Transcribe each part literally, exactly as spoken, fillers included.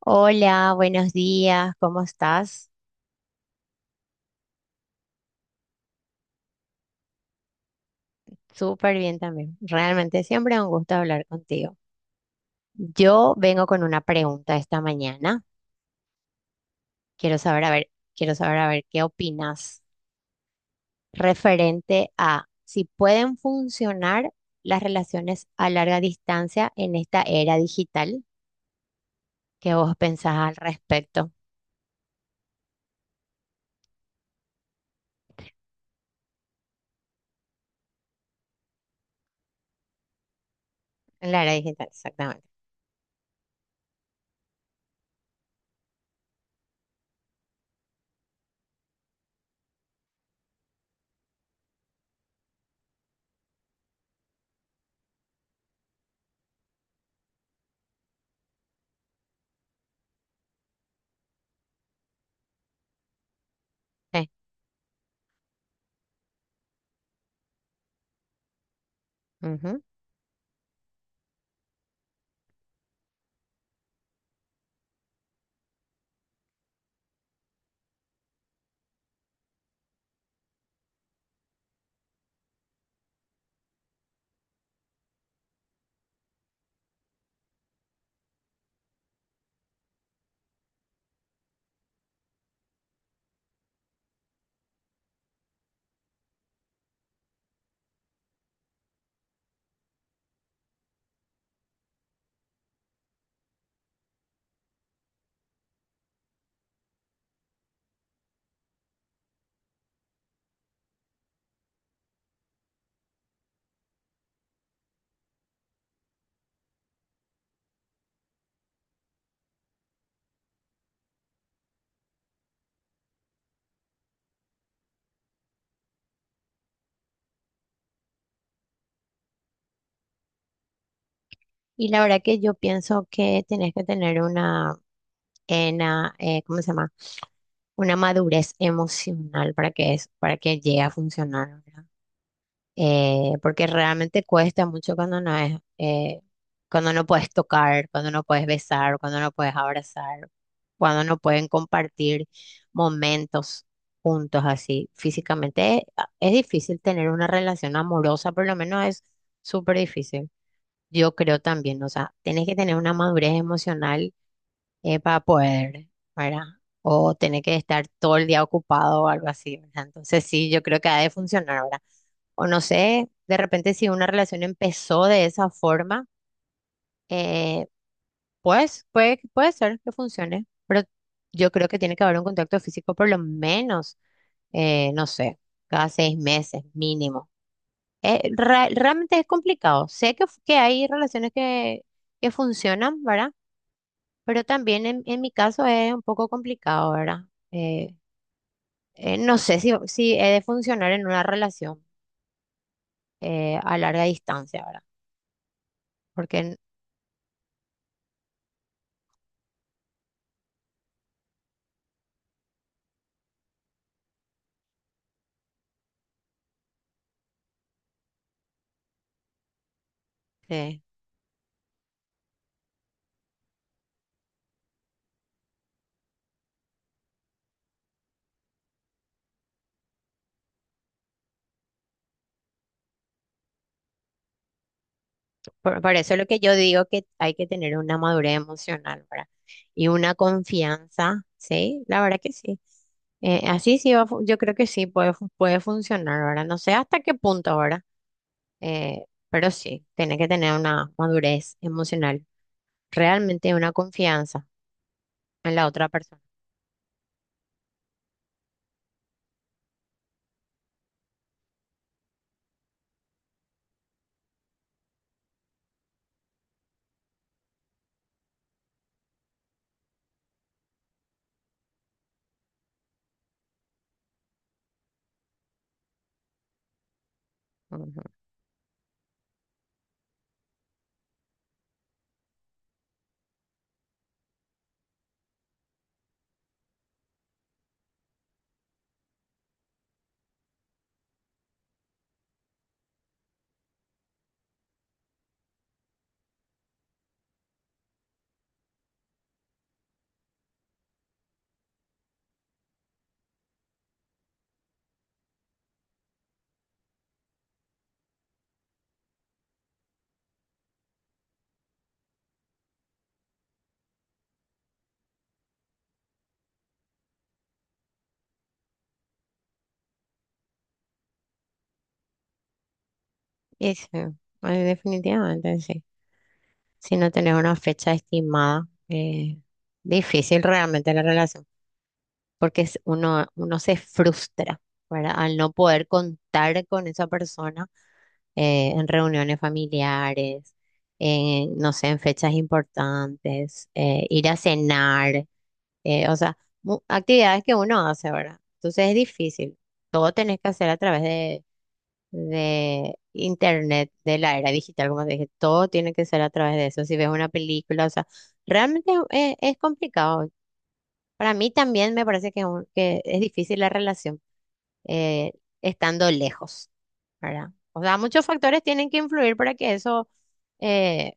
Hola, buenos días, ¿cómo estás? Súper bien también. Realmente siempre un gusto hablar contigo. Yo vengo con una pregunta esta mañana. Quiero saber, a ver, quiero saber, a ver, qué opinas referente a si pueden funcionar las relaciones a larga distancia en esta era digital. ¿Qué vos pensás al respecto? En la era digital, exactamente. Sí, ujú. Y la verdad que yo pienso que tenés que tener una, en, ¿cómo se llama? Una madurez emocional para que es, para que llegue a funcionar, ¿verdad? Eh, porque realmente cuesta mucho cuando no es, eh, cuando no puedes tocar, cuando no puedes besar, cuando no puedes abrazar, cuando no pueden compartir momentos juntos así físicamente. Es, es difícil tener una relación amorosa, por lo menos es súper difícil. Yo creo también, o sea, tienes que tener una madurez emocional eh, para poder, ¿verdad? O tener que estar todo el día ocupado o algo así, ¿verdad? Entonces sí, yo creo que ha de funcionar, ¿verdad? O no sé, de repente si una relación empezó de esa forma, eh, pues puede, puede ser que funcione, pero yo creo que tiene que haber un contacto físico por lo menos, eh, no sé, cada seis meses mínimo. Eh, re- realmente es complicado. Sé que, que hay relaciones que, que funcionan, ¿verdad? Pero también en, en mi caso es un poco complicado, ¿verdad? Eh, eh, no sé si, si he de funcionar en una relación eh, a larga distancia, ¿verdad? Porque en- eh, por, por eso lo que yo digo que hay que tener una madurez emocional, ¿verdad? Y una confianza, ¿sí? La verdad que sí. Eh, así sí va, a fu- yo creo que sí puede, fu- puede funcionar, ¿verdad? No sé hasta qué punto ahora, eh, pero sí, tiene que tener una madurez emocional, realmente una confianza en la otra persona. Y sí, eh, definitivamente sí. Si no tenés una fecha estimada, eh, difícil realmente la relación, porque es- uno, uno se frustra, ¿verdad? Al no poder contar con esa persona eh, en reuniones familiares, en, no sé, en fechas importantes, eh, ir a cenar, eh, o sea, mu- actividades que uno hace, ¿verdad? Entonces es difícil. Todo tenés que hacer a través de de internet, de la era digital, como te dije, todo tiene que ser a través de eso. Si ves una película, o sea, realmente es, es complicado. Para mí también me parece que, es un- que es difícil la relación eh, estando lejos, ¿verdad? O sea, muchos factores tienen que influir para que eso, eh,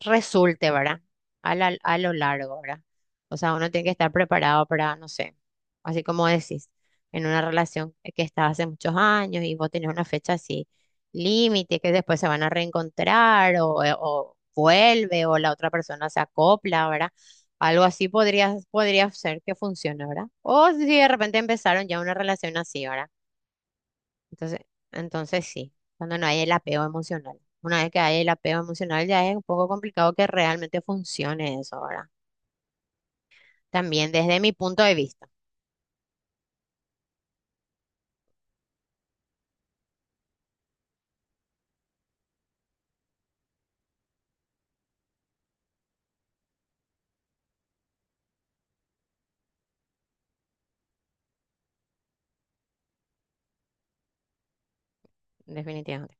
resulte, ¿verdad? A la- a lo largo, ¿verdad? O sea, uno tiene que estar preparado para, no sé, así como decís, en una relación que está hace muchos años y vos tenés una fecha así, límite, que después se van a reencontrar o, eh, o vuelve o la otra persona se acopla, ¿verdad? Algo así podría, podría ser que funcione, ¿verdad? O si de repente empezaron ya una relación así, ¿verdad? Entonces, entonces sí, cuando no hay el apego emocional. Una vez que hay el apego emocional, ya es un poco complicado que realmente funcione eso, ¿verdad? También desde mi punto de vista, definitivamente.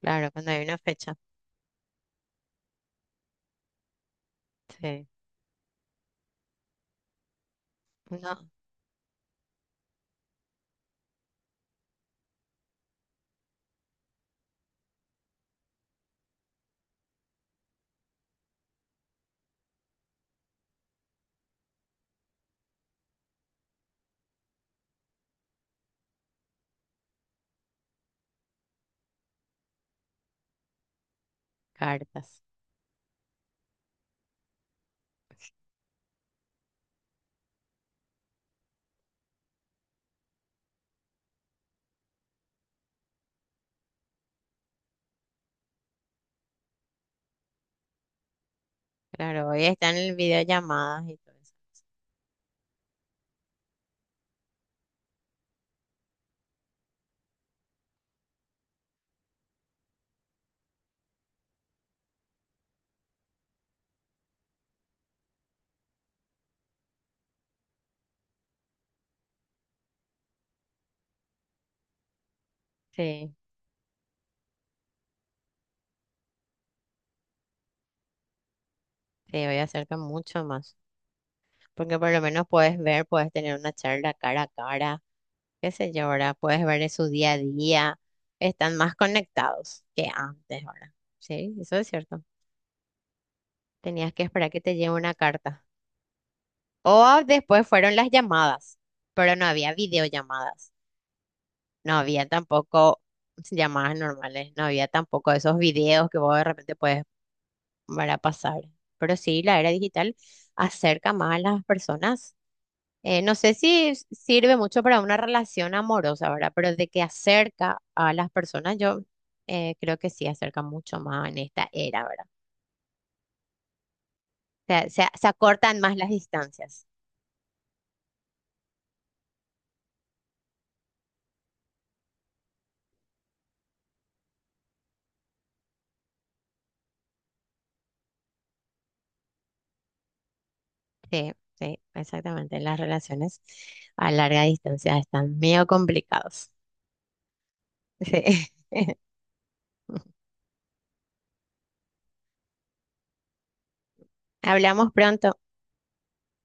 Claro, cuando hay una fecha. Sí. No, cartas. Claro, hoy están en videollamadas y todo eso. Sí, sí, hoy acerca mucho más. Porque por lo menos puedes ver, puedes tener una charla cara a cara, qué sé yo, ¿verdad? Puedes ver de su día a día. Están más conectados que antes, ¿verdad? Sí, eso es cierto. Tenías que esperar que te llegue una carta. O después fueron las llamadas, pero no había videollamadas. No había tampoco llamadas normales. No había tampoco esos videos que vos de repente puedes ver a pasar. Pero sí, la era digital acerca más a las personas. Eh, no sé si s- sirve mucho para una relación amorosa, ¿verdad? Pero de que acerca a las personas, yo eh, creo que sí acerca mucho más en esta era, ¿verdad? O sea, se, se acortan más las distancias. Sí, sí, exactamente. Las relaciones a larga distancia están medio complicados. Sí. Hablamos pronto.